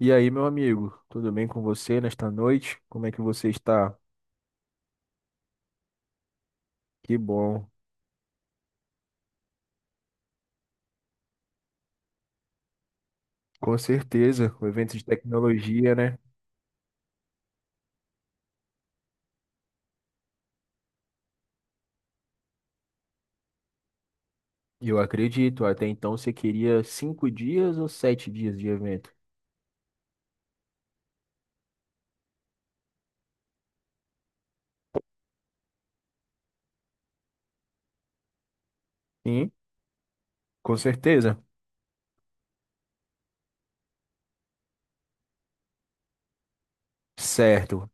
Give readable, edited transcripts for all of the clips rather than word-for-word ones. E aí, meu amigo, tudo bem com você nesta noite? Como é que você está? Que bom. Com certeza, o evento de tecnologia, né? Eu acredito. Até então você queria cinco dias ou sete dias de evento? Sim, com certeza. Certo.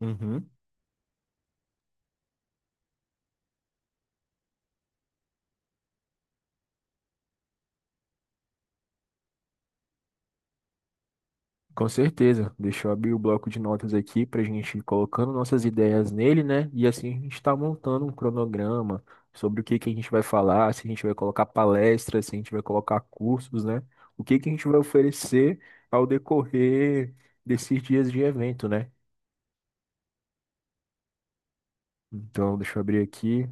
Uhum. Com certeza. Deixa eu abrir o bloco de notas aqui para a gente ir colocando nossas ideias nele, né? E assim a gente está montando um cronograma sobre o que que a gente vai falar, se a gente vai colocar palestras, se a gente vai colocar cursos, né? O que que a gente vai oferecer ao decorrer desses dias de evento, né? Então, deixa eu abrir aqui.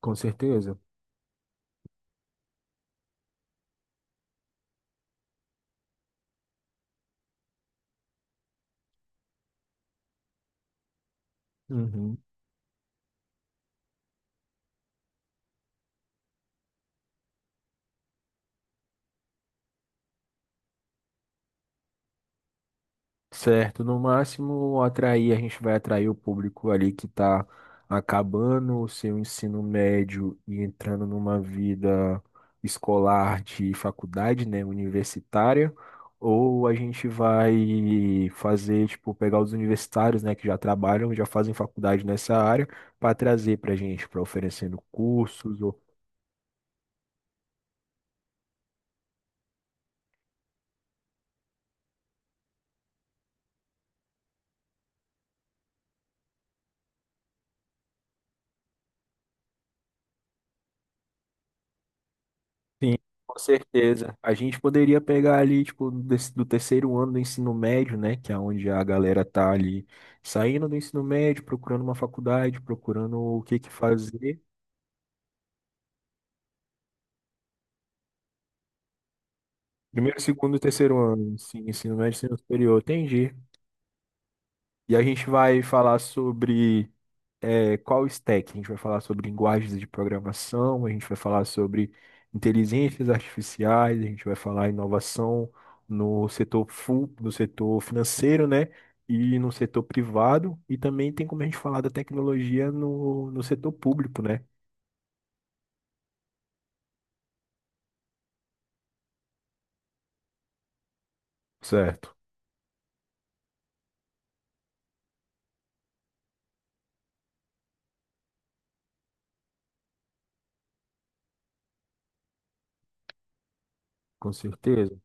Com certeza. Uhum. Certo, no máximo atrair, a gente vai atrair o público ali que está acabando o seu ensino médio e entrando numa vida escolar de faculdade, né, universitária, ou a gente vai fazer, tipo, pegar os universitários, né, que já trabalham, já fazem faculdade nessa área, para trazer para a gente, para oferecendo cursos. Sim, com certeza. A gente poderia pegar ali, tipo, do terceiro ano do ensino médio, né? Que é onde a galera tá ali saindo do ensino médio, procurando uma faculdade, procurando o que que fazer. Primeiro, segundo e terceiro ano, sim, ensino médio, ensino superior, entendi. E a gente vai falar sobre qual stack? A gente vai falar sobre linguagens de programação, a gente vai falar sobre inteligências artificiais, a gente vai falar inovação no setor full, no setor financeiro, né? E no setor privado, e também tem como a gente falar da tecnologia no setor público, né? Certo. Com certeza.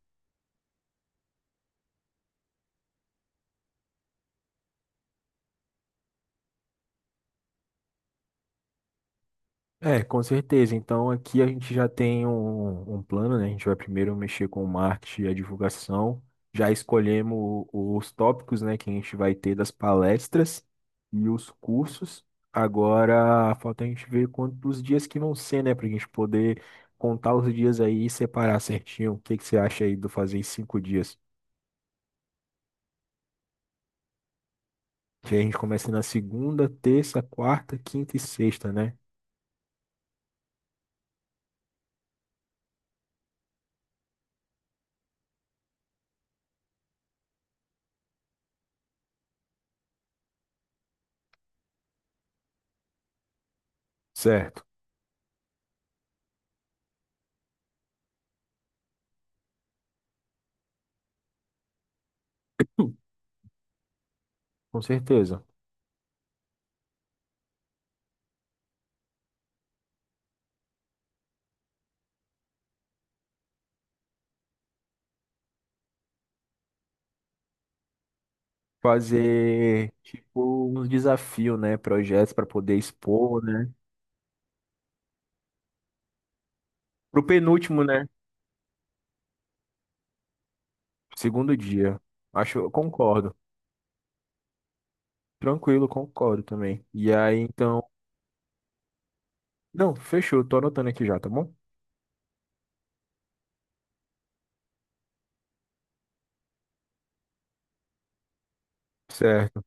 É, com certeza. Então aqui a gente já tem um plano, né? A gente vai primeiro mexer com o marketing e a divulgação. Já escolhemos os tópicos, né, que a gente vai ter das palestras e os cursos. Agora falta a gente ver quantos dias que vão ser, né, para a gente poder contar os dias aí e separar certinho. O que que você acha aí do fazer em cinco dias? Que a gente começa na segunda, terça, quarta, quinta e sexta, né? Certo, com certeza. Fazer tipo uns desafios, né? Projetos para poder expor, né? Pro penúltimo, né? Segundo dia. Acho, eu concordo. Tranquilo, concordo também. E aí, então. Não, fechou, tô anotando aqui já, tá bom? Certo.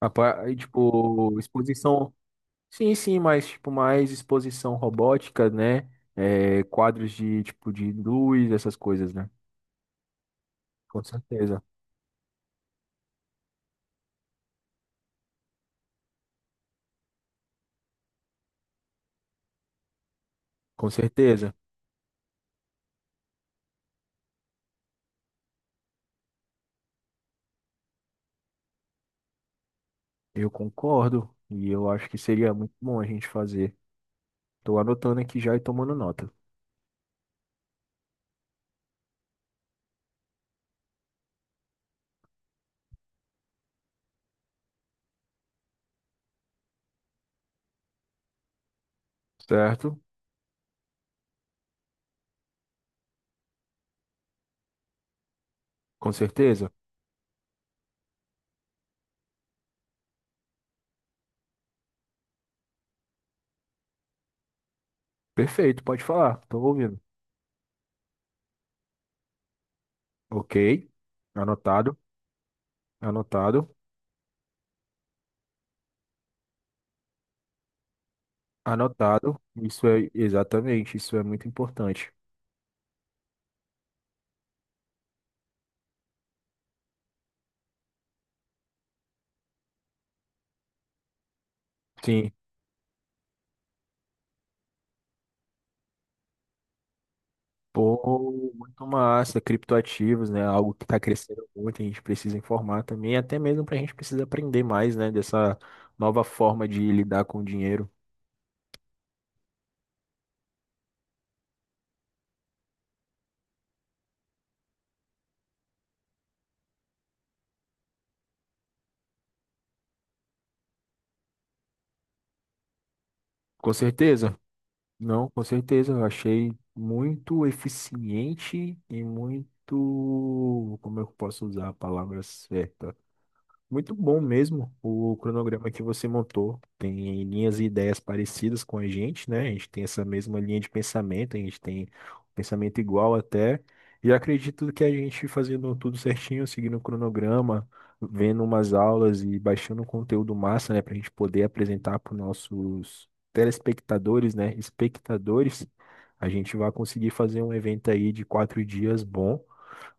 Aí, tipo, exposição. Sim, sim, mas tipo, mais exposição robótica, né? É, quadros de tipo de luz, essas coisas, né? Com certeza. Com certeza. Eu concordo. E eu acho que seria muito bom a gente fazer. Tô anotando aqui já e tomando nota. Certo? Com certeza? Perfeito, pode falar. Tô ouvindo. Ok. Anotado, anotado, anotado. Isso é exatamente, isso é muito importante. Sim. Pô, muito massa, criptoativos, né? Algo que está crescendo muito, a gente precisa informar também, até mesmo para a gente precisa aprender mais, né? Dessa nova forma de lidar com o dinheiro. Com certeza. Não, com certeza, eu achei muito eficiente e muito, como é que eu posso usar a palavra certa? Muito bom mesmo o cronograma que você montou. Tem linhas e ideias parecidas com a gente, né? A gente tem essa mesma linha de pensamento, a gente tem um pensamento igual até. E acredito que a gente fazendo tudo certinho, seguindo o cronograma, vendo umas aulas e baixando um conteúdo massa, né? Para a gente poder apresentar para os nossos telespectadores, né? Espectadores, a gente vai conseguir fazer um evento aí de quatro dias bom.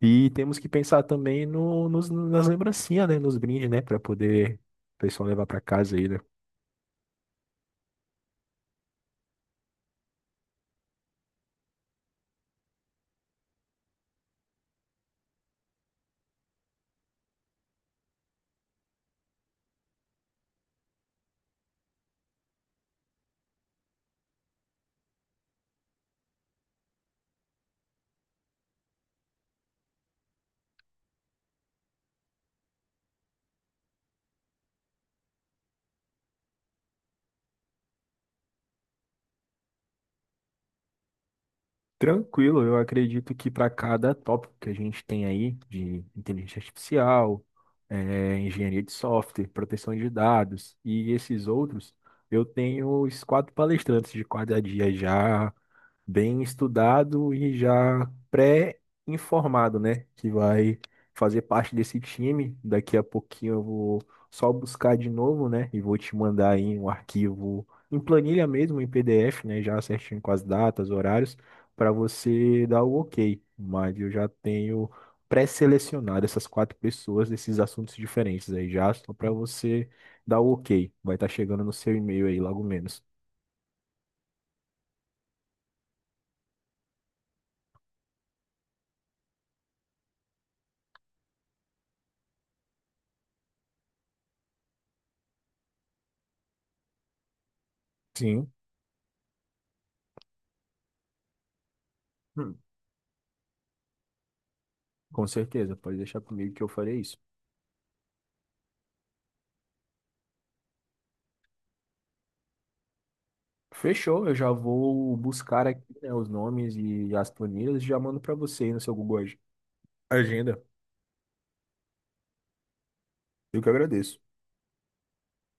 E temos que pensar também no, nos, nas lembrancinhas, né? Nos brindes, né? Para poder o pessoal levar para casa aí, né? Tranquilo, eu acredito que para cada tópico que a gente tem aí, de inteligência artificial, engenharia de software, proteção de dados e esses outros, eu tenho os quatro palestrantes de cada dia já bem estudado e já pré-informado, né? Que vai fazer parte desse time. Daqui a pouquinho eu vou só buscar de novo, né? E vou te mandar aí um arquivo em planilha mesmo, em PDF, né? Já certinho com as datas, horários, para você dar o ok. Mas eu já tenho pré-selecionado essas quatro pessoas desses assuntos diferentes aí já, só para você dar o ok. Vai estar chegando no seu e-mail aí logo menos. Sim. Com certeza, pode deixar comigo que eu farei isso. Fechou, eu já vou buscar aqui, né, os nomes e as planilhas e já mando para você aí no seu Agenda. Eu que agradeço.